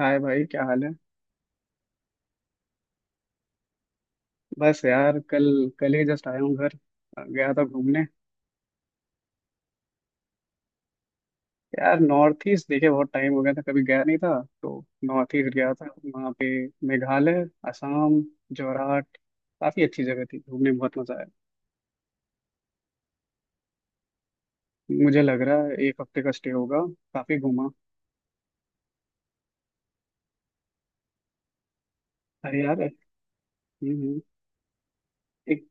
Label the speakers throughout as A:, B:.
A: हाय भाई, क्या हाल है। बस यार, कल कल ही जस्ट आया हूँ घर। गया था घूमने। यार नॉर्थ ईस्ट देखे बहुत टाइम हो गया था, कभी गया नहीं था, तो नॉर्थ ईस्ट गया था वहाँ पे। मेघालय, असम, जोरहाट। काफी अच्छी जगह थी, घूमने में बहुत मजा आया। मुझे लग रहा है एक हफ्ते का स्टे होगा, काफी घूमा। अरे यार। हम्म, एक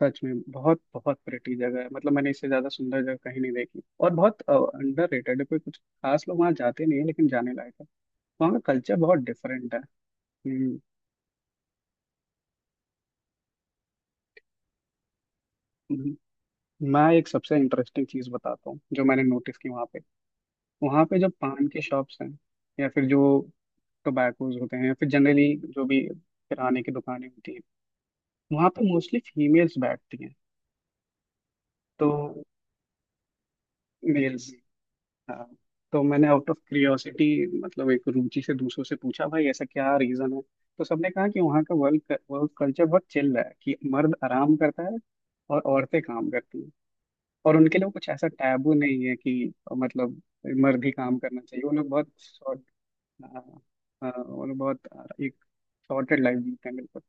A: सच में बहुत बहुत प्रिटी जगह है, मतलब मैंने इससे ज्यादा सुंदर जगह कहीं नहीं देखी और बहुत अंडर रेटेड है, कोई कुछ खास लोग वहाँ जाते नहीं है, लेकिन जाने लायक है। वहाँ का कल्चर बहुत डिफरेंट है। हम्म, हम्म। मैं एक सबसे इंटरेस्टिंग चीज बताता हूँ जो मैंने नोटिस की वहाँ पे। वहाँ पे जो पान की शॉप्स हैं या फिर जो टोबैकोज होते हैं या फिर जनरली जो भी किराने की दुकानें होती हैं, वहाँ पे मोस्टली फीमेल्स बैठती हैं। तो मेल्स। हाँ। तो मैंने आउट ऑफ क्यूरियोसिटी, मतलब एक रुचि से, दूसरों से पूछा भाई ऐसा क्या रीजन है। तो सबने कहा कि वहाँ का वर्क वर्क कल्चर बहुत चिल है, कि मर्द आराम करता है और औरतें काम करती हैं। और उनके लिए कुछ ऐसा टैबू नहीं है कि मतलब मर्द ही काम करना चाहिए। वो लोग बहुत एक शॉर्टेड लाइफ जीते हैं बिल्कुल।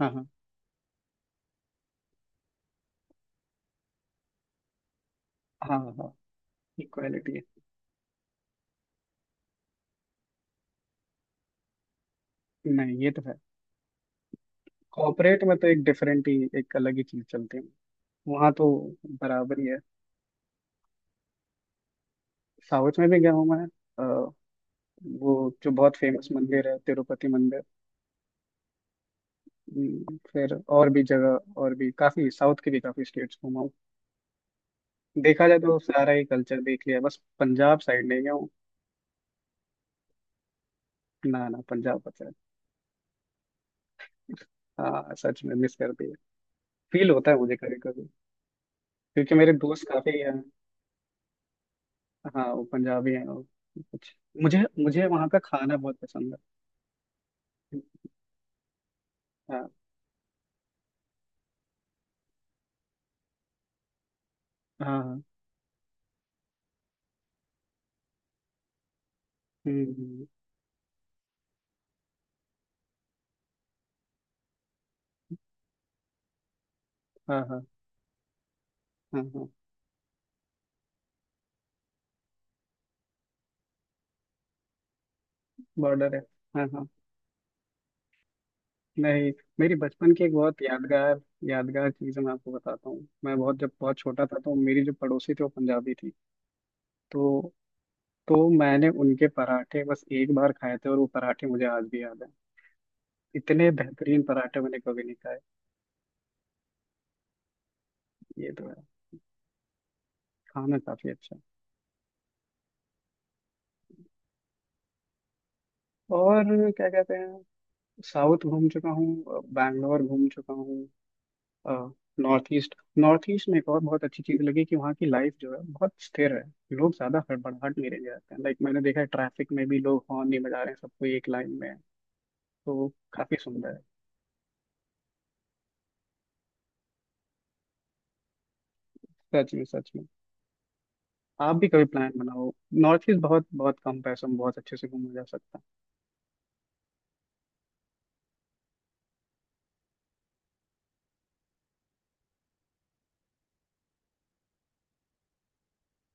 A: हाँ, हाँ, हाँ, हाँ। इक्वालिटी है। नहीं, ये तो है। कॉर्पोरेट में तो एक डिफरेंट ही एक अलग ही चीज चलती है, वहाँ तो बराबर ही है। साउथ में भी गया हूँ मैं। अ, वो जो बहुत फेमस मंदिर है, तिरुपति मंदिर। फिर और भी जगह, और भी काफी साउथ के भी काफी स्टेट्स घूमा हूँ। देखा जाए तो सारा ही कल्चर देख लिया, बस पंजाब साइड नहीं गया। ना ना, पंजाब बचा है। हाँ, सच में मिस कर दिया। फील होता है मुझे कभी कभी। क्योंकि मेरे दोस्त काफी हैं, हाँ वो पंजाबी हैं और कुछ मुझे मुझे वहाँ का खाना बहुत पसंद है। हाँ, हाँ, हाँ। हम्म, हम्म, हाँ, हाँ, हाँ, हाँ। बॉर्डर है, हाँ, हाँ। नहीं, मेरी बचपन की एक बहुत यादगार यादगार चीज़ मैं आपको बताता हूँ। मैं बहुत जब बहुत छोटा था, तो मेरी जो पड़ोसी थी वो पंजाबी थी। तो तो मैंने उनके पराठे बस एक बार खाए थे और वो पराठे मुझे आज भी याद है। इतने बेहतरीन पराठे मैंने कभी नहीं खाए। ये तो है, खाना काफी अच्छा है। और क्या कहते हैं, साउथ घूम चुका हूँ, बैंगलोर घूम चुका हूँ। नॉर्थ ईस्ट में एक और बहुत अच्छी चीज़ लगी कि वहाँ की लाइफ जो है बहुत स्थिर है। लोग ज़्यादा हड़बड़ाहट नहीं रहने जाते हैं, लाइक मैंने देखा है ट्रैफिक में भी लोग हॉर्न नहीं बजा रहे हैं, सबको एक लाइन में है। तो काफ़ी सुंदर है। सच में, सच में। आप भी कभी प्लान बनाओ। नॉर्थ ईस्ट बहुत बहुत कम पैसों में बहुत अच्छे से घूमा जा सकता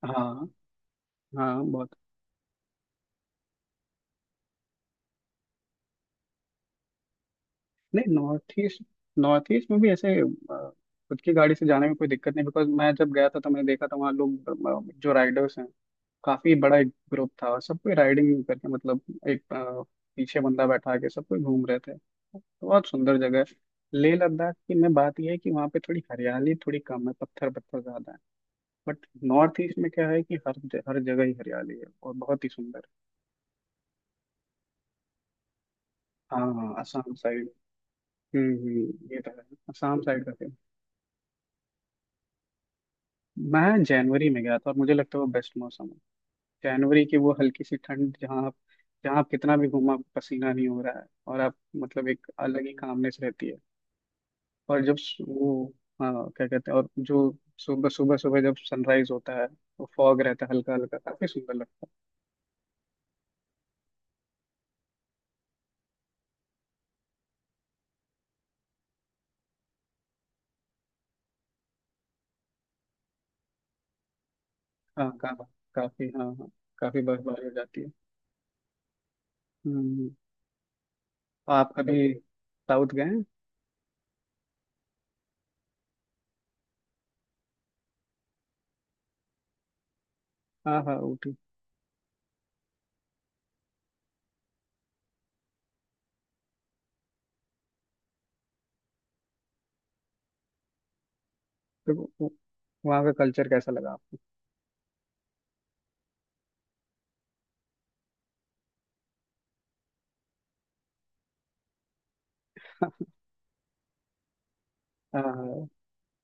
A: है। हाँ, हाँ, बहुत। नहीं, नॉर्थ ईस्ट में भी ऐसे खुद की गाड़ी से जाने में कोई दिक्कत नहीं, बिकॉज मैं जब गया था तो मैंने देखा था वहाँ लोग जो राइडर्स हैं, काफी बड़ा एक ग्रुप था और सब कोई राइडिंग करके, मतलब एक अ, पीछे बंदा बैठा के सब कोई घूम रहे थे। बहुत सुंदर जगह है। लेह लद्दाख की में बात यह है कि वहाँ पे थोड़ी हरियाली थोड़ी कम है, पत्थर पत्थर ज्यादा है। बट नॉर्थ ईस्ट में क्या है कि हर जगह ही हरियाली है और बहुत ही सुंदर। हाँ, हाँ, असम साइड। हम्म, ये तो है असम साइड का। मैं जनवरी में गया था और मुझे लगता है वो बेस्ट मौसम है। जनवरी की वो हल्की सी ठंड, जहाँ आप कितना भी घूमो आपको पसीना नहीं हो रहा है और आप, मतलब एक अलग ही कामनेस रहती है। और जब सु- वो हाँ, क्या कहते हैं, और जो सुबह सुबह सुबह जब सनराइज होता है तो फॉग रहता है हल्का हल्का, काफी सुंदर लगता है। हाँ का, काफी, हाँ, हाँ, काफी बर्फबारी हो जाती है। हम्म, तो आप कभी साउथ गए हैं। हाँ, हाँ, ऊटी। तो वो- वहाँ का कल्चर कैसा लगा आपको। हाँ, हाँ,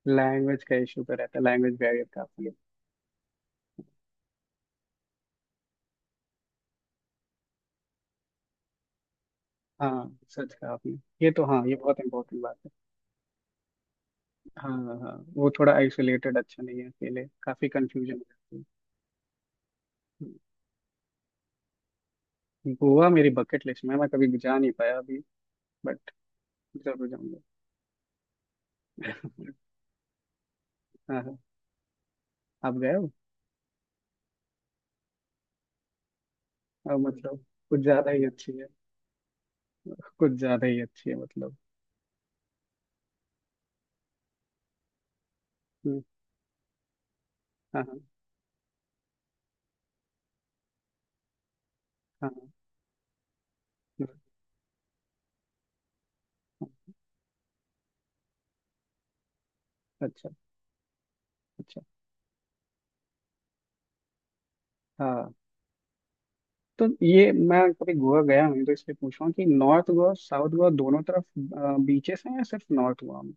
A: लैंग्वेज का इशू तो रहता है, लैंग्वेज बैरियर काफी है। हाँ, सच कहा आपने, ये तो हाँ, ये बहुत इंपॉर्टेंट बात है। हाँ, हाँ, हाँ, वो थोड़ा आइसोलेटेड अच्छा नहीं है, अकेले काफी कंफ्यूजन हो जाती है। हम्म, गोवा मेरी बकेट लिस्ट में है, मैं कभी जा नहीं पाया अभी, बट जरूर जाऊंगा। हाँ, हाँ, आप गए हो। और मतलब कुछ ज्यादा ही अच्छी है, कुछ ज्यादा ही अच्छी है मतलब। हम्म, हाँ, हाँ, हाँ, हाँ, हाँ, अच्छा, अच्छा, हाँ। तो ये मैं कभी गोवा गया नहीं तो इसलिए पूछ रहा हूँ कि नॉर्थ गोवा, साउथ गोवा दोनों तरफ बीचेस हैं या सिर्फ नॉर्थ गोवा में।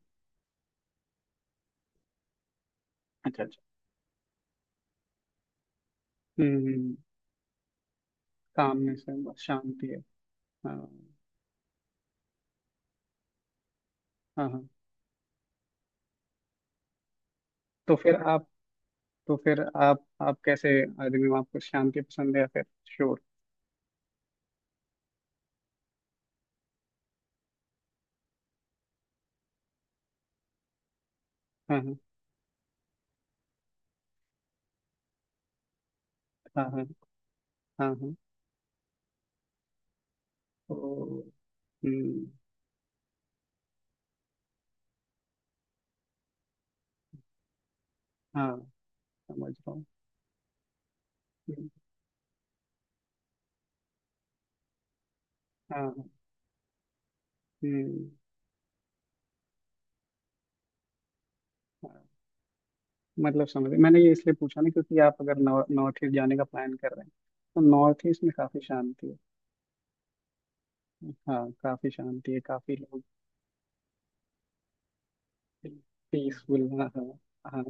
A: अच्छा, अच्छा। हम्म, काम में से बस शांति है। हाँ, हाँ, हाँ। तो फिर आप तो फिर आप कैसे आदमी हो, आपको शांति पसंद है या फिर शोर। हाँ, हाँ, हाँ, हाँ, हाँ, हाँ, तो हम्म, हाँ, समझ रहा हूँ। हम्म, हाँ, हाँ, हम्म, हाँ, मतलब समझ, मैंने ये इसलिए पूछा ना क्योंकि आप अगर नॉर्थ ईस्ट जाने का प्लान कर रहे हैं तो नॉर्थ ईस्ट में काफी शांति है। हाँ, काफी शांति है, काफी लोग पीसफुल, हाँ, हाँ, हाँ,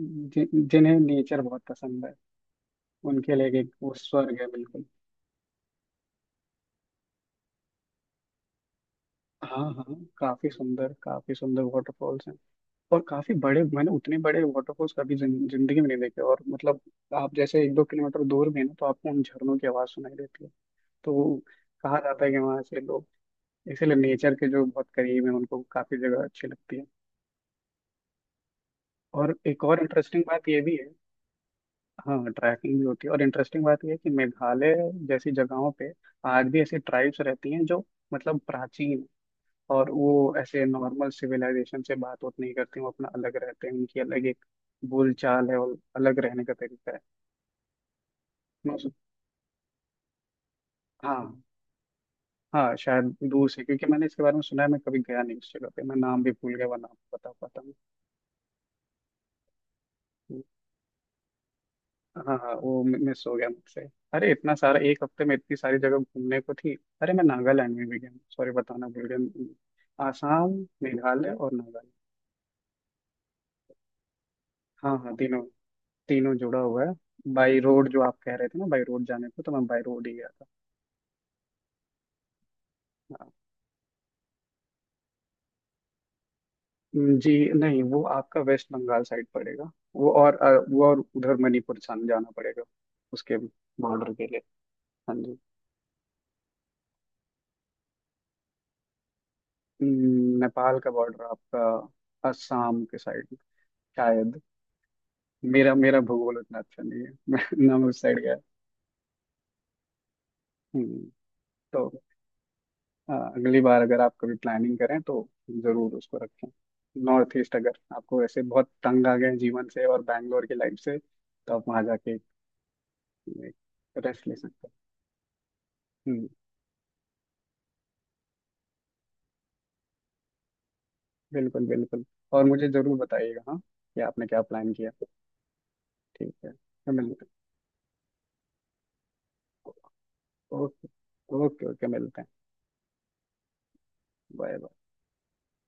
A: जि, जिन्हें नेचर बहुत पसंद है उनके लिए एक वो स्वर्ग है बिल्कुल। हाँ, हाँ, काफी सुंदर, काफी सुंदर वाटरफॉल्स हैं। और काफी बड़े, मैंने उतने बड़े वाटरफॉल्स कभी जिंदगी में नहीं देखे और मतलब आप जैसे एक दो किलोमीटर दूर भी हैं ना तो आपको उन झरनों की आवाज सुनाई देती है। तो वो कहा जाता है कि वहां से लोग, इसीलिए नेचर के जो बहुत करीब है उनको काफी जगह अच्छी लगती है। और एक और इंटरेस्टिंग बात ये भी है। हाँ, ट्रैकिंग भी होती है और इंटरेस्टिंग बात यह है कि मेघालय जैसी जगहों पे आज भी ऐसी ट्राइब्स रहती हैं जो, मतलब प्राचीन, और वो ऐसे नॉर्मल सिविलाइजेशन से बात बात नहीं करती, वो अपना अलग रहते हैं, उनकी अलग एक बोलचाल है और अलग रहने का तरीका है। मैं उस- हाँ, हाँ, शायद दूर से, क्योंकि मैंने इसके बारे में सुना है, मैं कभी गया नहीं उस जगह पे, मैं नाम भी भूल गया, वह नाम तो बता पाता हूँ। हाँ, हाँ, वो मिस हो गया मुझसे। अरे इतना सारा एक हफ्ते में इतनी सारी जगह घूमने को थी। अरे मैं नागालैंड में भी गया, सॉरी बताना भूल गया। आसाम, मेघालय और नागालैंड। हाँ, हाँ, तीनों, तीनों जुड़ा हुआ है। बाई रोड जो आप कह रहे थे ना, बाई रोड जाने को तो मैं बाई रोड ही गया था। हाँ। जी नहीं, वो आपका वेस्ट बंगाल साइड पड़ेगा। वो और उधर मणिपुर जाना पड़ेगा उसके बॉर्डर के लिए। हाँ जी। नेपाल का बॉर्डर आपका असम के साइड में शायद। मेरा मेरा भूगोल उतना अच्छा नहीं है। मैं उस साइड गया। हम्म, तो अगली बार अगर आप कभी प्लानिंग करें तो जरूर उसको रखें। नॉर्थ ईस्ट, अगर आपको ऐसे बहुत तंग आ गए हैं जीवन से और बैंगलोर की लाइफ से, तो आप वहाँ जाके रेस्ट ले सकते हैं। हम्म, बिल्कुल बिल्कुल। और मुझे जरूर बताइएगा, हाँ कि आपने क्या प्लान किया। ठीक है फिर मिलते हैं। ओके, ओके, ओके, मिलते हैं। Bye bye.